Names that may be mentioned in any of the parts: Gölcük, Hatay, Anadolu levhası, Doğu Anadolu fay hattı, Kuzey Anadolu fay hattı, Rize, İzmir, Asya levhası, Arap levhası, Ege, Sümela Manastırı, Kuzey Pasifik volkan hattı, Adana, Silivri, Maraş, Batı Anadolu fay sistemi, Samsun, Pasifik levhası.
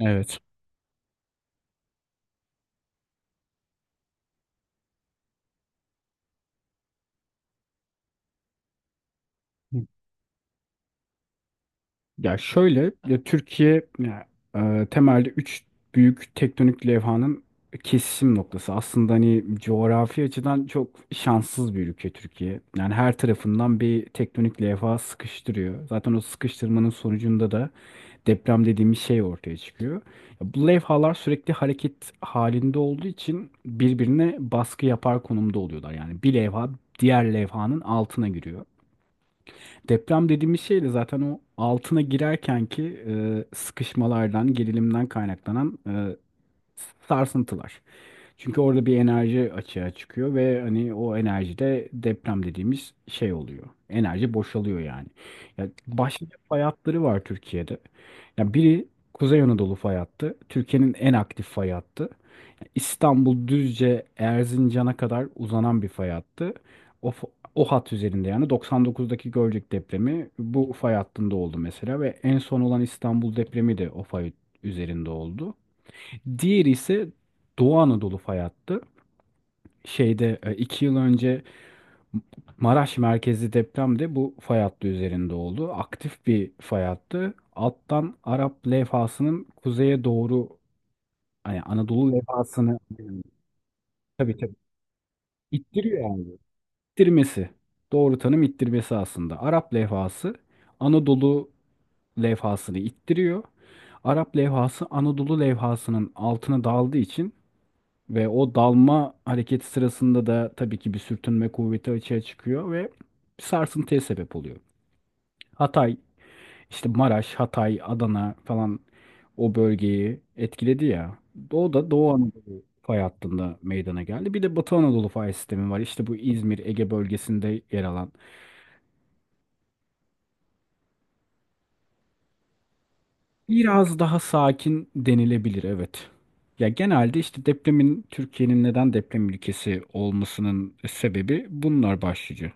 Evet. Ya şöyle ya Türkiye ya, temelde üç büyük tektonik levhanın kesişim noktası. Aslında hani coğrafi açıdan çok şanssız bir ülke Türkiye. Yani her tarafından bir tektonik levha sıkıştırıyor. Zaten o sıkıştırmanın sonucunda da deprem dediğimiz şey ortaya çıkıyor. Ya bu levhalar sürekli hareket halinde olduğu için birbirine baskı yapar konumda oluyorlar. Yani bir levha diğer levhanın altına giriyor. Deprem dediğimiz şey de zaten o altına girerken ki sıkışmalardan, gerilimden kaynaklanan sarsıntılar. Çünkü orada bir enerji açığa çıkıyor ve hani o enerji de deprem dediğimiz şey oluyor. Enerji boşalıyor yani. Ya başlıca fay hatları var Türkiye'de. Ya biri Kuzey Anadolu fay hattı, Türkiye'nin en aktif fay hattı. İstanbul Düzce Erzincan'a kadar uzanan bir fay hattı. O, f- o hat üzerinde yani 99'daki Gölcük depremi bu fay hattında oldu mesela ve en son olan İstanbul depremi de o fay üzerinde oldu. Diğeri ise Doğu Anadolu fay hattı. Şeyde 2 yıl önce Maraş merkezli deprem de bu fay hattı üzerinde oldu. Aktif bir fay hattı. Alttan Arap levhasının kuzeye doğru hani Anadolu levhasını tabii tabii İttiriyor abi. İttirmesi. Doğru tanım ittirmesi aslında. Arap levhası Anadolu levhasını ittiriyor. Arap levhası Anadolu levhasının altına daldığı için ve o dalma hareketi sırasında da tabii ki bir sürtünme kuvveti açığa çıkıyor ve bir sarsıntıya sebep oluyor. Hatay, işte Maraş, Hatay, Adana falan o bölgeyi etkiledi ya. O da Doğu Anadolu fay hattında meydana geldi. Bir de Batı Anadolu fay sistemi var. İşte bu İzmir, Ege bölgesinde yer alan. Biraz daha sakin denilebilir, evet. Ya genelde işte depremin, Türkiye'nin neden deprem ülkesi olmasının sebebi bunlar başlıca.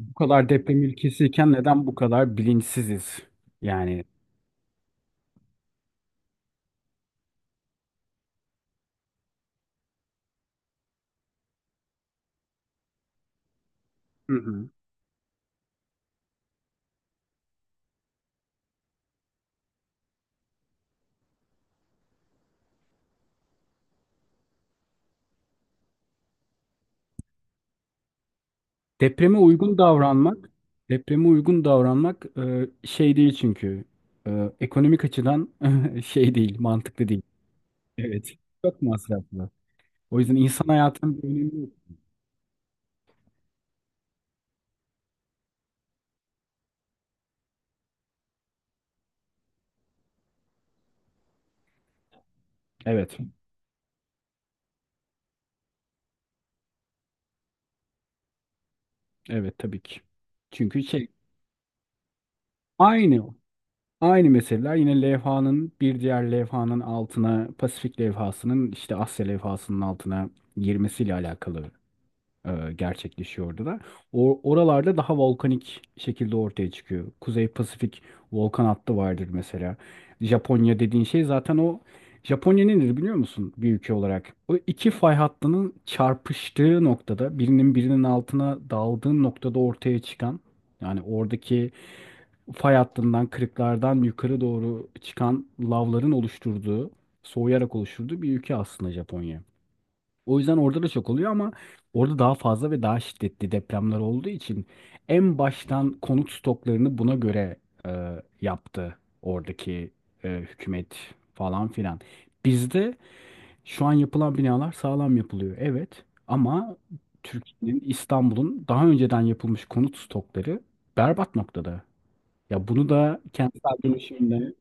Bu kadar deprem ülkesiyken neden bu kadar bilinçsiziz? Yani. Hı hı. Depreme uygun davranmak, depreme uygun davranmak şey değil çünkü. Ekonomik açıdan şey değil, mantıklı değil. Evet. Çok masraflı. O yüzden insan hayatının bir önemi yok. Evet, evet tabii ki. Çünkü şey, aynı aynı meseleler yine levhanın bir diğer levhanın altına, Pasifik levhasının işte Asya levhasının altına girmesiyle alakalı gerçekleşiyordu da. O, oralarda daha volkanik şekilde ortaya çıkıyor. Kuzey Pasifik volkan hattı vardır mesela. Japonya dediğin şey zaten o. Japonya nedir biliyor musun bir ülke olarak? O iki fay hattının çarpıştığı noktada, birinin altına daldığı noktada ortaya çıkan, yani oradaki fay hattından, kırıklardan yukarı doğru çıkan lavların oluşturduğu, soğuyarak oluşturduğu bir ülke aslında Japonya. O yüzden orada da çok oluyor ama orada daha fazla ve daha şiddetli depremler olduğu için en baştan konut stoklarını buna göre e, yaptı oradaki hükümet falan filan. Bizde şu an yapılan binalar sağlam yapılıyor evet ama Türkiye'nin, İstanbul'un daha önceden yapılmış konut stokları berbat noktada. Ya bunu da kentsel dönüşümle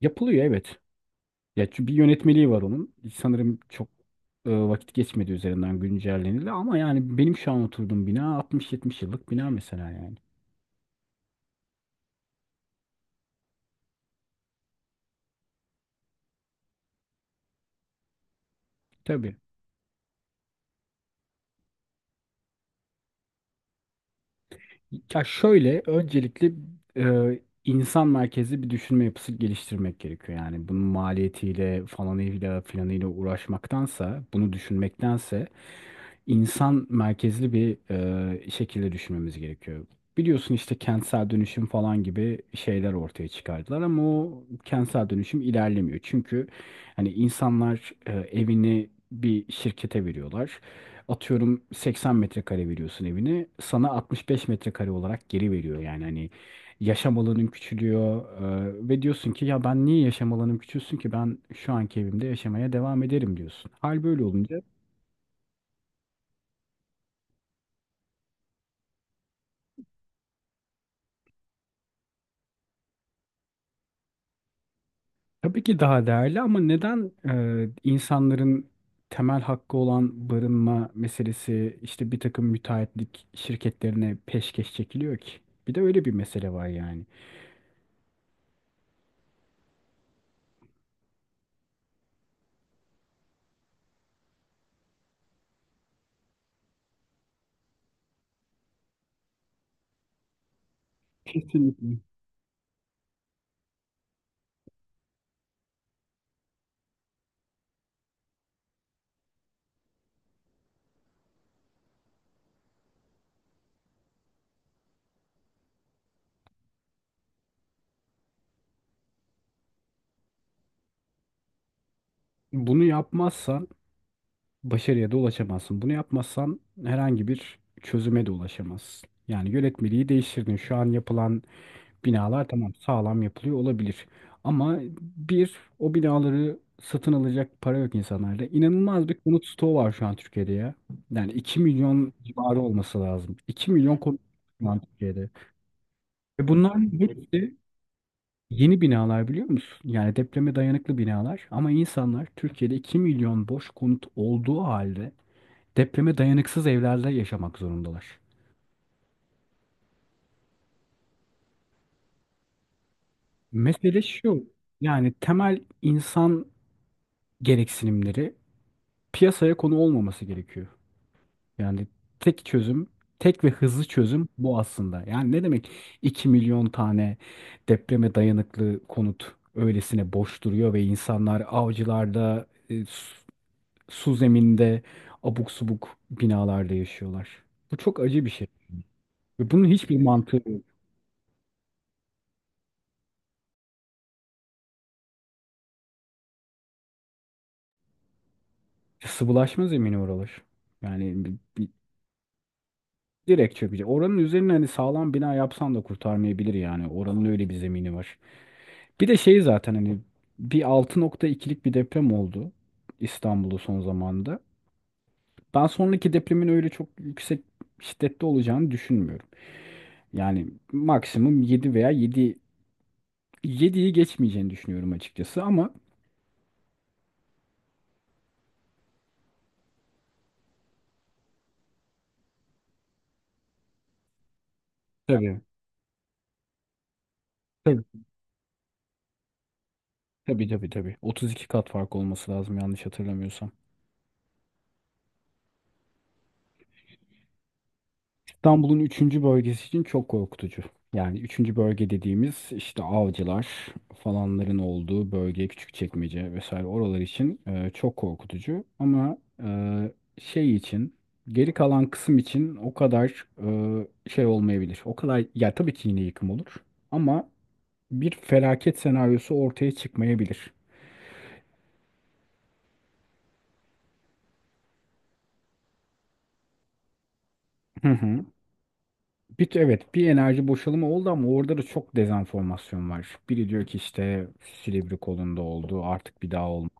yapılıyor evet. Ya çünkü bir yönetmeliği var onun. Sanırım çok vakit geçmedi, üzerinden güncellenildi ama yani benim şu an oturduğum bina 60-70 yıllık bina mesela yani. Tabii. Ya şöyle öncelikle insan merkezli bir düşünme yapısı geliştirmek gerekiyor. Yani bunun maliyetiyle falanıyla filanıyla uğraşmaktansa, bunu düşünmektense insan merkezli bir şekilde düşünmemiz gerekiyor. Biliyorsun işte kentsel dönüşüm falan gibi şeyler ortaya çıkardılar ama o kentsel dönüşüm ilerlemiyor. Çünkü hani insanlar evini bir şirkete veriyorlar. Atıyorum 80 metrekare veriyorsun evini. Sana 65 metrekare olarak geri veriyor. Yani hani yaşam alanın küçülüyor ve diyorsun ki ya ben niye yaşam alanım küçülsün ki, ben şu anki evimde yaşamaya devam ederim diyorsun. Hal böyle olunca tabii ki daha değerli ama neden insanların temel hakkı olan barınma meselesi işte bir takım müteahhitlik şirketlerine peşkeş çekiliyor ki? Bir de öyle bir mesele var yani. Kesinlikle. Bunu yapmazsan başarıya da ulaşamazsın. Bunu yapmazsan herhangi bir çözüme de ulaşamazsın. Yani yönetmeliği değiştirdin. Şu an yapılan binalar, tamam, sağlam yapılıyor olabilir. Ama bir o binaları satın alacak para yok insanlarda. İnanılmaz bir konut stoğu var şu an Türkiye'de ya. Yani 2 milyon civarı olması lazım. 2 milyon konut şu an Türkiye'de. Ve bunların hepsi yeni binalar, biliyor musun? Yani depreme dayanıklı binalar. Ama insanlar Türkiye'de 2 milyon boş konut olduğu halde depreme dayanıksız evlerde yaşamak zorundalar. Mesele şu. Yani temel insan gereksinimleri piyasaya konu olmaması gerekiyor. Yani tek çözüm, tek ve hızlı çözüm bu aslında. Yani ne demek 2 milyon tane depreme dayanıklı konut öylesine boş duruyor ve insanlar avcılarda, su, su zeminde, abuk subuk binalarda yaşıyorlar. Bu çok acı bir şey. Ve bunun hiçbir mantığı yok. Sıvılaşma zemini oralar. Yani direkt çökecek. Oranın üzerine hani sağlam bina yapsan da kurtarmayabilir yani. Oranın öyle bir zemini var. Bir de şey zaten hani bir 6,2'lik bir deprem oldu İstanbul'da son zamanda. Ben sonraki depremin öyle çok yüksek şiddette olacağını düşünmüyorum. Yani maksimum 7 veya yediyi geçmeyeceğini düşünüyorum açıkçası ama. Tabii. Tabii tabii tabii. Tabii. 32 kat fark olması lazım yanlış hatırlamıyorsam. İstanbul'un üçüncü bölgesi için çok korkutucu. Yani üçüncü bölge dediğimiz işte Avcılar falanların olduğu bölge, Küçükçekmece vesaire, oralar için çok korkutucu. Ama e, şey için, geri kalan kısım için o kadar şey olmayabilir. O kadar, ya tabii ki yine yıkım olur. Ama bir felaket senaryosu ortaya çıkmayabilir. Hı hı. Bir, evet, bir enerji boşalımı oldu ama orada da çok dezenformasyon var. Biri diyor ki işte Silivri kolunda oldu, artık bir daha olmaz.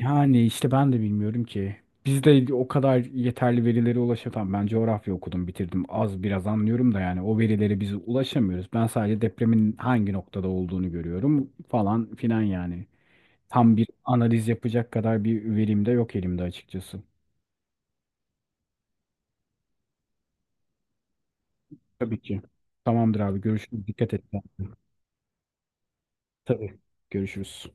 Yani işte ben de bilmiyorum ki. Biz de o kadar yeterli verilere ulaşamam. Ben coğrafya okudum, bitirdim. Az biraz anlıyorum da yani o verilere biz ulaşamıyoruz. Ben sadece depremin hangi noktada olduğunu görüyorum falan filan yani. Tam bir analiz yapacak kadar bir verim de yok elimde açıkçası. Tabii ki. Tamamdır abi, görüşürüz. Dikkat et kendine. Tabii. Görüşürüz.